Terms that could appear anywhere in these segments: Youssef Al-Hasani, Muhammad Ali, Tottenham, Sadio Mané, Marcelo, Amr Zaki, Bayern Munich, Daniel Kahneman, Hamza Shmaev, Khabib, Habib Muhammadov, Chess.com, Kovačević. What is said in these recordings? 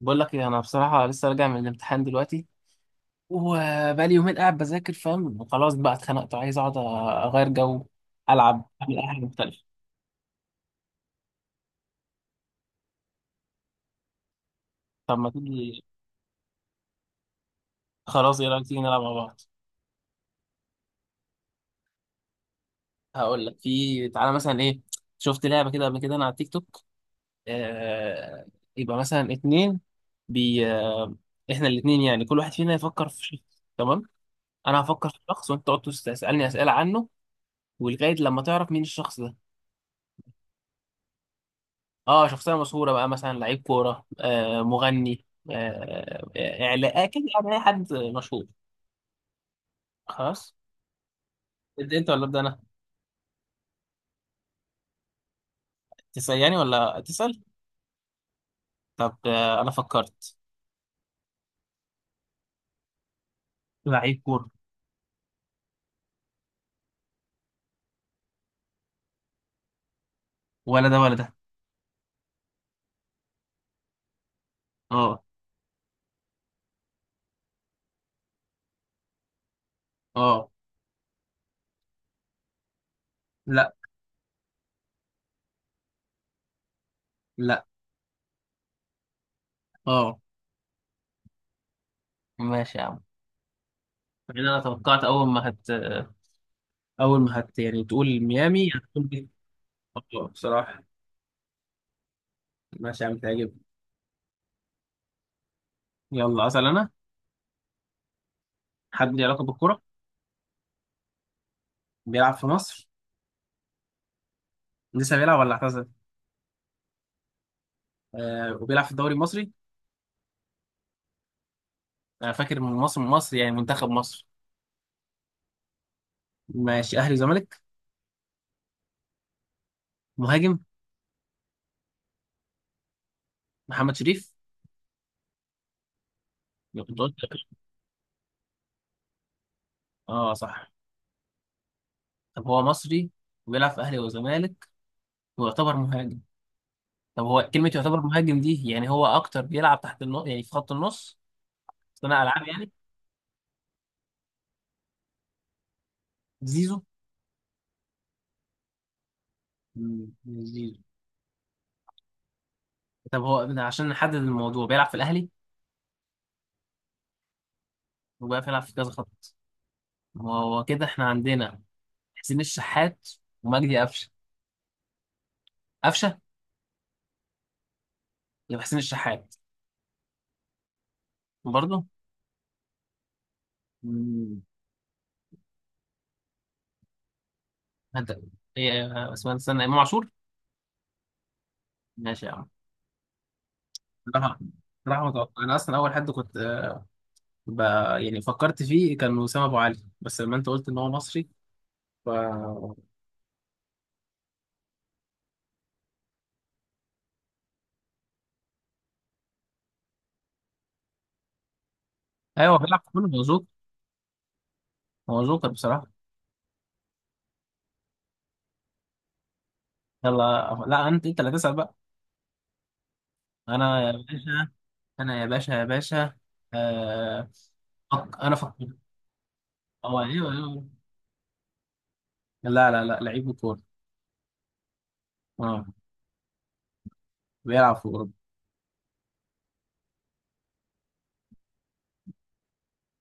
بقول لك ايه، انا بصراحه لسه راجع من الامتحان دلوقتي. وبقالي يومين قاعد بذاكر فاهم، وخلاص بقى اتخنقت، وعايز اقعد اغير جو. العب، اعمل اي حاجه مختلفه. طب ما تيجي. خلاص، ايه رايك تيجي نلعب مع بعض؟ هقول لك، في تعالى مثلا ايه. شفت لعبه كده قبل كده انا على التيك توك. آه... يبقى مثلا اتنين. بي آه... احنا الاتنين، يعني كل واحد فينا يفكر في شخص. تمام. انا هفكر في شخص وانت تقعد تسالني اسئله عنه، ولغايه لما تعرف مين الشخص ده. اه، شخصيه مشهوره بقى، مثلا لعيب كوره، مغني، اعلان كده، يعني اي حد مشهور. خلاص. انت ولا ابدا انا. تسالني ولا تسال؟ طب، انا فكرت. لعيب كوره. ولا ده ولا ده. اه. اه. لا. لا. اه. ماشي يا عم. يعني انا توقعت اول ما هت، يعني تقول ميامي هتقول دي. اه بصراحه. ماشي يا عم، تعجب. يلا اسال انا. حد ليه علاقه بالكوره؟ بيلعب في مصر. لسه بيلعب ولا اعتزل؟ وبيلعب في الدوري المصري. انا فاكر من مصر، يعني منتخب مصر. ماشي، اهلي وزمالك. مهاجم. محمد شريف. كنت قلت- لك. اه صح. طب هو مصري، وبيلعب في اهلي وزمالك، ويعتبر مهاجم. طب، هو كلمة يعتبر مهاجم دي، يعني هو اكتر بيلعب تحت النص، يعني في خط النص. صناع العاب يعني. زيزو. مش زيزو. طب هو ده، عشان نحدد الموضوع بيلعب في الاهلي، وبيلعب في كذا خط. ما هو كده احنا عندنا. حسين الشحات. ومجدي قفشه. قفشه. يبقى حسين الشحات. برضه. انت. ايه اسمه، استنى، امام عاشور. ماشي يا عم. صراحه. صراحه متوقع، انا اصلا اول حد كنت ب... يعني فكرت فيه كان وسام ابو علي، بس لما انت قلت ان هو مصري، ف ايوه بيلعب في كله، هو جوكر. هو جوكر بصراحه. يلا، لا انت اللي تسال بقى. انا يا باشا. انا يا باشا يا باشا. آه... انا فكرت. اه ايوه ايوه. لا لا لا، لعيب كوره. اه. بيلعب في اوروبا.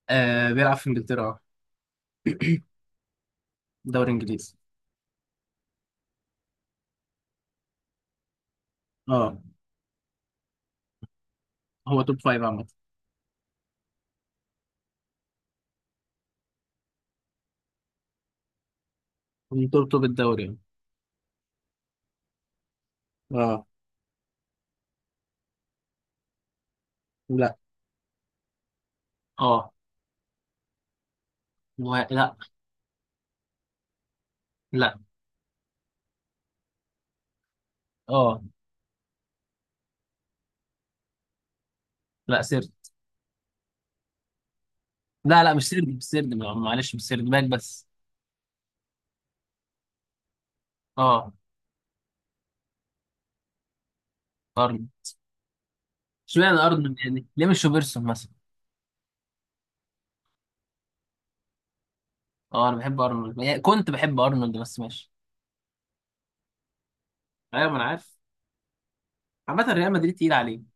بيلعب في انجلترا. اه. دوري انجليزي. اه. هو توب فايف عامة. ترتب بالدوري يعني. اه. لا. اه. لا. لا. اه. لا، سرد. لا لا، مش سرد مش سرد، معلش، مش سرد باك بس. اه. ارنولد. اشمعنى ارنولد، يعني ليه مش روبرتسون مثلا. اه، انا بحب ارنولد، يعني كنت بحب ارنولد بس ماشي. ايوه ما انا عارف. عامة ريال مدريد تقيل عليه.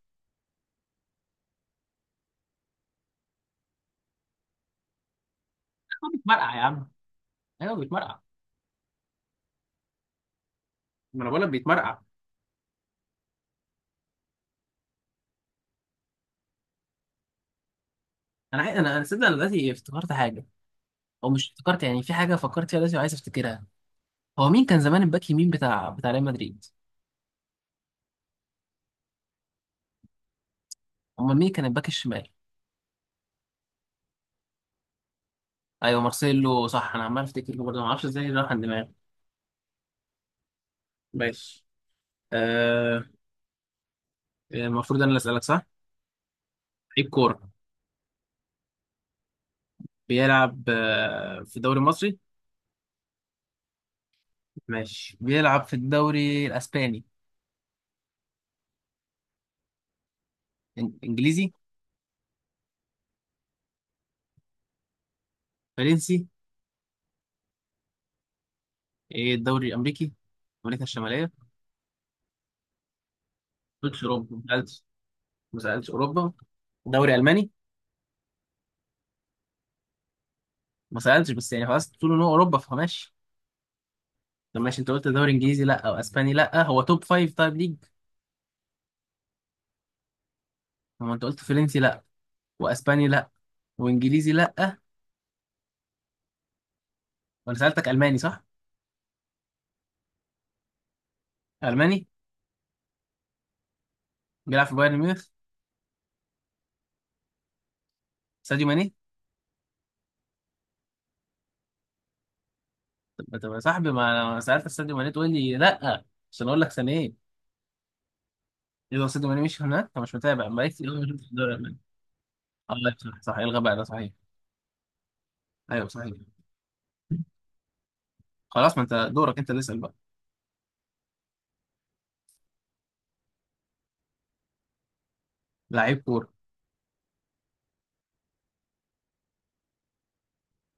هو بيتمرقع يا عم. ايوه بيتمرقع. ما انا بقول لك بيتمرقع. انا صدق، انا دلوقتي افتكرت حاجه. او مش افتكرت يعني، في حاجه فكرت فيها دلوقتي وعايز افتكرها. هو مين كان زمان الباك يمين بتاع ريال مدريد؟ امال مين كان الباك الشمال؟ ايوه مارسيلو، صح. انا عمال افتكر له برضه، ما اعرفش ازاي راح عن دماغي. ماشي. آه المفروض انا اللي اسالك، صح. لعيب كوره. بيلعب في الدوري المصري. ماشي، بيلعب في الدوري الاسباني. انجليزي. فرنسي. إيه، الدوري الامريكي، امريكا الشماليه؟ ما سالتش اوروبا، ما سالتش. ما سالتش اوروبا. دوري الماني. ما سالتش، بس يعني خلاص تقول ان هو اوروبا فماشي. طب ماشي، انت قلت دوري انجليزي لا، او اسباني لا، هو توب فايف طيب ليج. هو انت قلت فرنسي لا، واسباني لا، وانجليزي لا، وانا سالتك الماني، صح؟ الماني. بيلعب في بايرن ميونخ. ساديو ماني. طب يا صاحبي، ما انا سالتك ساديو ماني تقول لي لا، عشان اقول لك سنه ايه. يبقى ساديو ماني مش هناك، انت مش متابع، ما في الدوري الالماني. اه لا، صح صح، الغى بقى، ده صحيح. ايوه صحيح. خلاص، ما انت دورك انت اللي اسال بقى. لعيب كوره.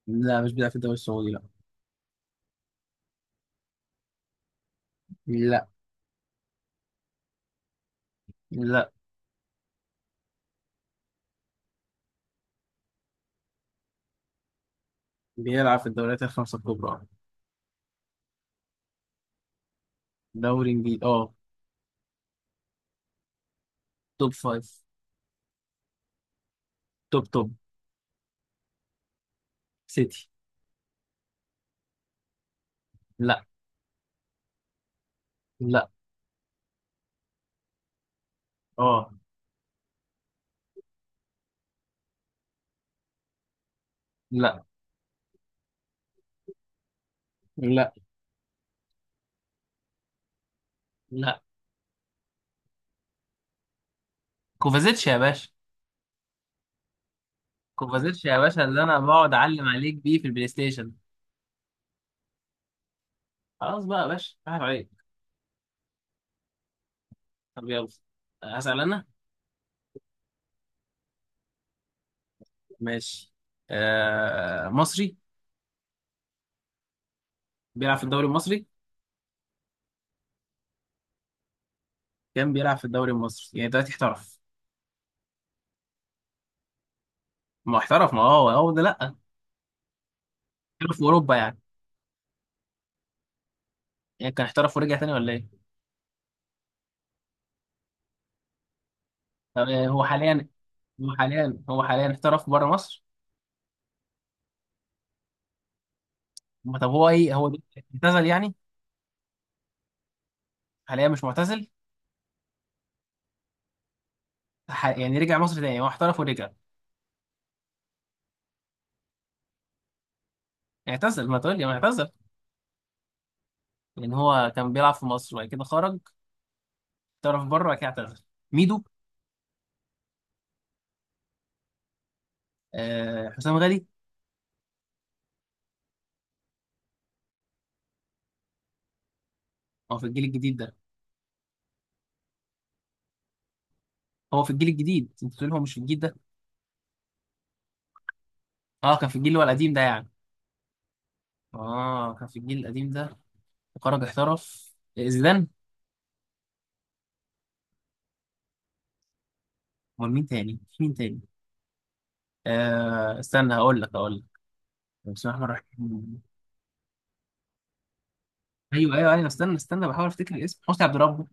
لا مش بيلعب في الدوري السعودي، لا. لا. لا. بيلعب في الدوريات الخمسه الكبرى. دوري انجليزي، اه. توب فايف. توب توب. سيتي. لا. لا. اه. لا. لا. لا. كوفازيتش يا باشا. كوفازيتش يا باشا، اللي انا بقعد اعلم عليك بيه في البلاي ستيشن. خلاص بقى يا باشا، راحت عليك. طب يلا. هسأل انا. ماشي. مصري. بيلعب في الدوري المصري. كان بيلعب في الدوري المصري، يعني دلوقتي احترف. ما احترف، ما هو ده، لا. احترف في اوروبا يعني. يعني كان احترف ورجع تاني، ولا ايه؟ طب هو حاليا. هو حاليا احترف بره مصر. ما طب هو ايه، هو دلوقتي اعتزل يعني؟ حاليا مش معتزل. يعني رجع مصر تاني، يعني هو احترف ورجع. اعتزل، ما تقول لي ما اعتزل. لان هو كان بيلعب في مصر وبعد كده خرج، طرف بره كده اعتذر. ميدو. حسام غالي. هو في الجيل الجديد ده. هو في الجيل الجديد، انت بتقول هو مش في الجيل ده. اه كان في الجيل اللي هو القديم ده يعني. اه كان في الجيل القديم ده. وخرج احترف. زيدان. امال مين تاني، في مين تاني؟ استنى، هقول لك. بسم الله الرحمن الرحيم. ايوه ايوه ايوه، استنى استنى، بحاول افتكر الاسم. حسني عبد ربه. بسم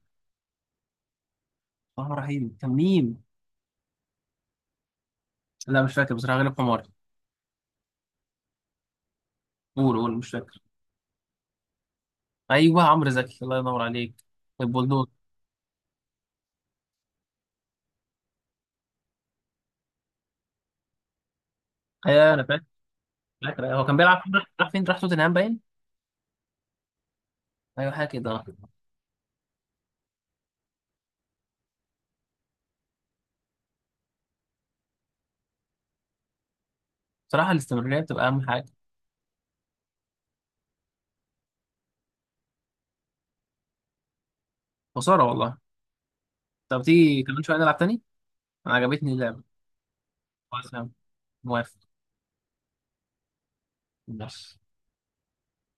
الله الرحمن الرحيم، كان مين؟ لا مش فاكر بصراحه، غالب حماري. قول قول، مش فاكر. ايوه عمرو زكي، الله ينور عليك. البولدوز. ايوه انا فاكر. فاكر، أيوة. هو كان بيلعب، راح فين، راح فين؟ راح توتنهام باين. ايوه حاجه كده. بصراحه الاستمراريه بتبقى اهم حاجه. خساره والله. طب تيجي كمان شويه نلعب تاني. انا عجبتني اللعبه. خلاص يا عم، موافق. ماشي